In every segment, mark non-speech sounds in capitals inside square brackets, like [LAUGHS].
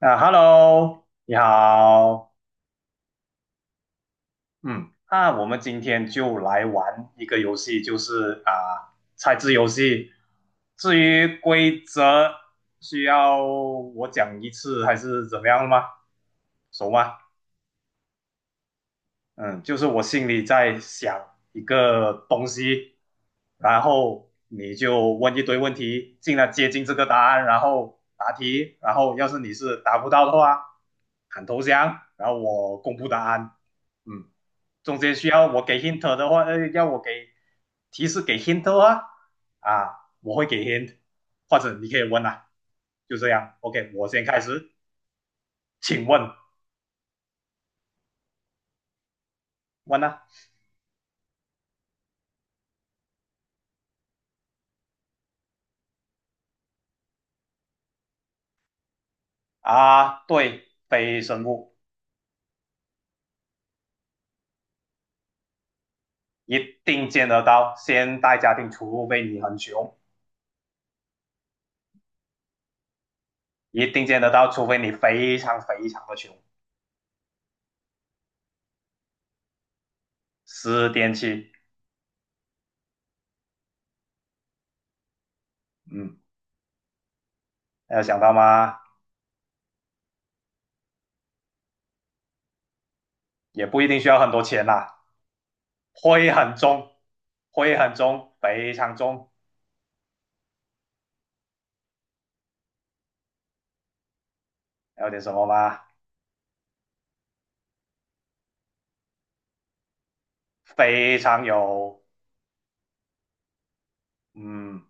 啊，Hello，你好。嗯，那我们今天就来玩一个游戏，猜字游戏。至于规则，需要我讲一次还是怎么样吗？熟吗？嗯，就是我心里在想一个东西，然后你就问一堆问题，尽量接近这个答案，然后答题，然后要是你是答不到的话，喊投降，然后我公布答案。嗯，中间需要我给 hint 的话，要我给提示给 hint 的话，啊，我会给 hint，或者你可以问啊，就这样。OK,我先开始，请问，问啊。啊，对，非生物。一定见得到。现代家庭，除非你很穷，一定见得到，除非你非常非常的穷。湿电器，嗯，有想到吗？也不一定需要很多钱啦。灰很重，灰很重，非常重。还有点什么吗？非常有。嗯，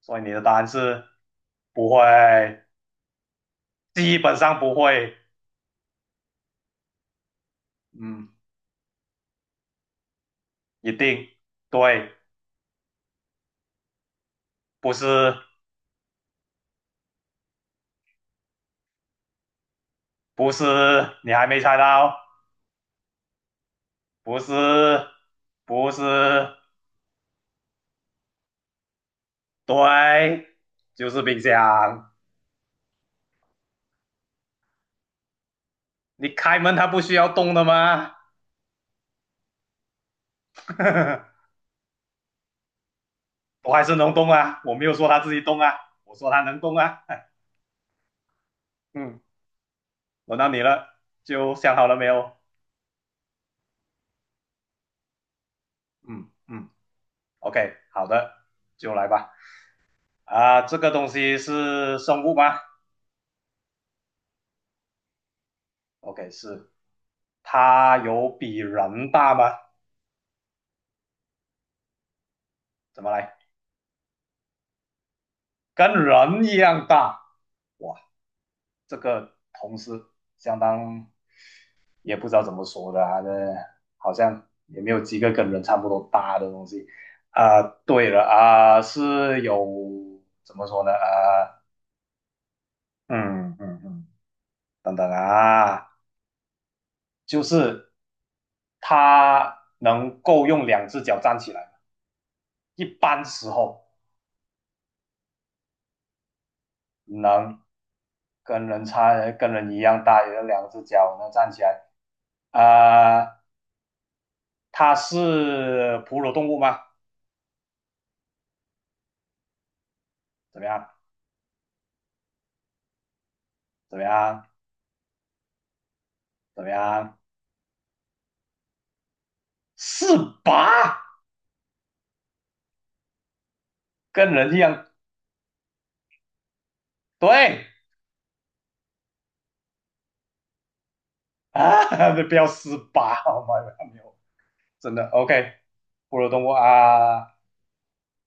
所以你的答案是不会，基本上不会。嗯，一定对，不是，不是，你还没猜到哦。不是，不是，对，就是冰箱。你开门它不需要动的吗？[LAUGHS] 我还是能动啊，我没有说它自己动啊，我说它能动啊。[LAUGHS] 嗯，轮到你了，就想好了没有？嗯嗯，OK,好的，就来吧。啊，这个东西是生物吗？OK,是。它有比人大吗？怎么来？跟人一样大。哇，这个同事相当也不知道怎么说的啊，这好像也没有几个跟人差不多大的东西啊。呃对了啊，呃是有怎么说呢？啊，呃嗯嗯嗯，等等啊，就是他能够用两只脚站起来，一般时候能跟人差跟人一样大，也有两只脚能站起来啊。它是哺乳动物吗？怎么样？怎么样？怎么样？四八，跟人一样，对啊，不要四八，好吗？没有，真的 OK。哺乳动物啊，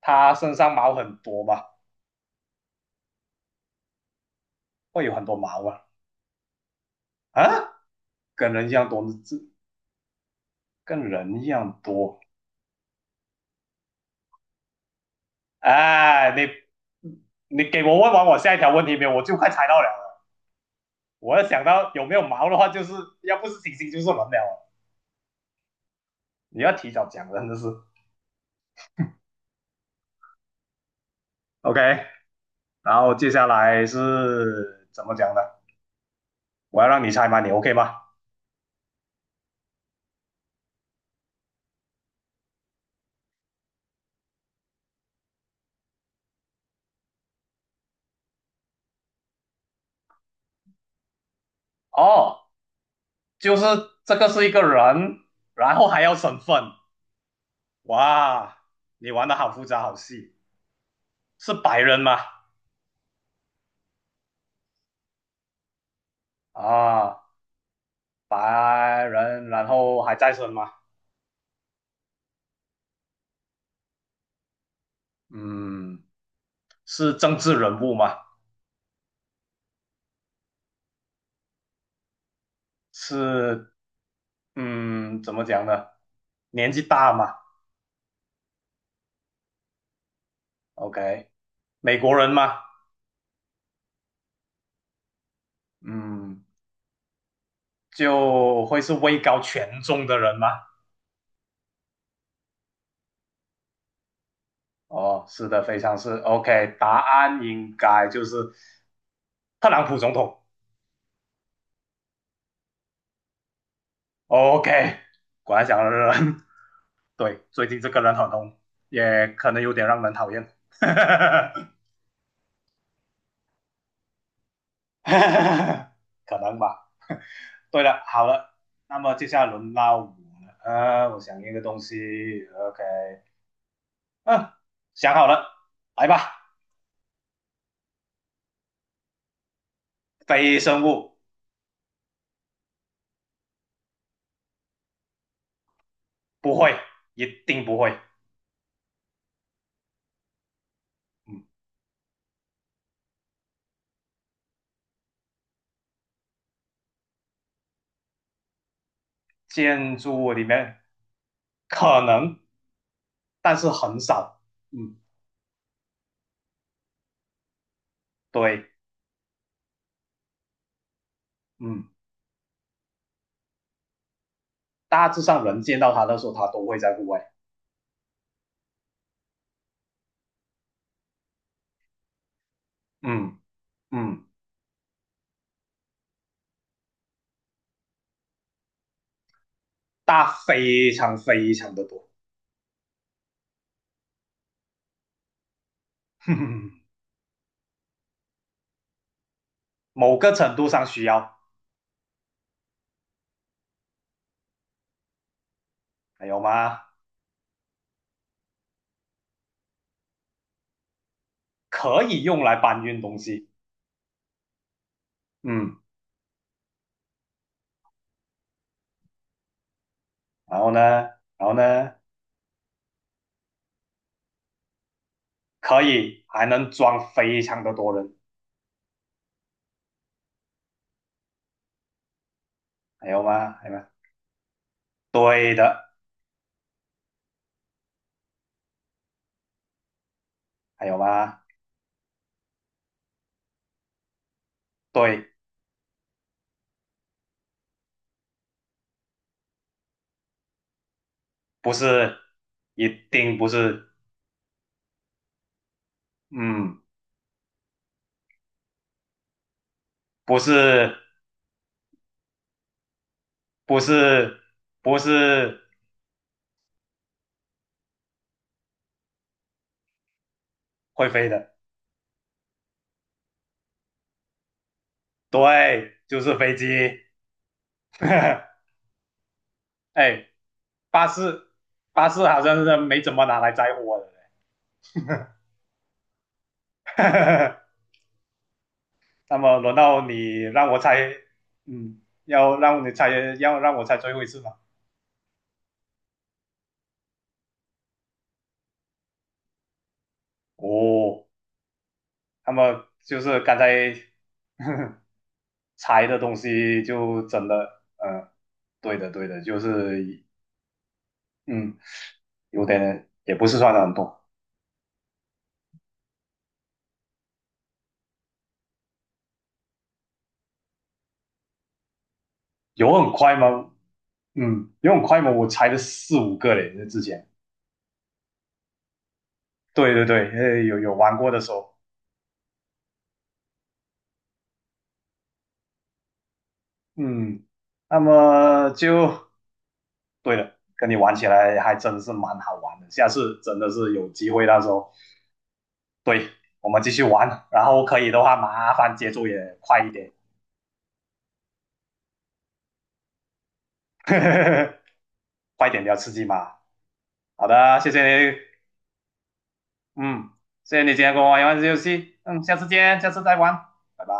它身上毛很多嘛，会有很多毛啊啊，跟人一样多，这跟人一样多。哎，啊你给我问完我下一条问题没有？我就快猜到了。我要想到有没有毛的话，就是要不是猩猩就是人了啊。你要提早讲，真的是 OK。然后接下来是怎么讲的？我要让你猜嘛，你 OK 吗？哦，就是这个是一个人，然后还要身份。哇，你玩的好复杂，好细。是白人吗？啊，白人，然后还在生吗？嗯，是政治人物吗？是，嗯，怎么讲呢？年纪大吗？OK,美国人吗？嗯，就会是位高权重的人吗？哦，是的，非常是 OK,答案应该就是特朗普总统，OK,果然想的人。[LAUGHS] 对，最近这个人很红，也可能有点让人讨厌。[LAUGHS] 可能吧。对了，好了，那么接下来轮到我了，我想一个东西，OK。嗯、啊想好了，来吧。非生物不会，一定不会。嗯，建筑物里面可能，但是很少。嗯，对，嗯，大致上人见到它的时候，它都会在户外。嗯嗯，嗯大非常非常的多。[LAUGHS] 哼哼，某个程度上需要，还有吗？可以用来搬运东西，嗯，然后呢，然后呢，可以还能装非常的多人，还有吗？还有吗？对的，还有吗？对，不是，一定不是。嗯，不是，不是，不是会飞的，对，就是飞机。[LAUGHS] 哎，巴士巴士好像是没怎么拿来载货的。[LAUGHS] 那么轮到你让我猜，嗯，要让你猜，要让我猜最后一次吗？哦，那么就是刚才 [LAUGHS] 猜的东西就真的，嗯，对的对的，就是嗯，有点也不是算的很多。有很快吗？嗯，有很快吗？我猜了4、5个嘞，之前。对对对，有玩过的时候。嗯，那么就对了，跟你玩起来还真是蛮好玩的。下次真的是有机会，到时候对我们继续玩，然后可以的话，麻烦节奏也快一点。[LAUGHS] 快点比较刺激嘛。好的，谢谢你。嗯，谢谢你今天跟我玩一玩游戏，嗯，下次见，下次再玩，拜拜。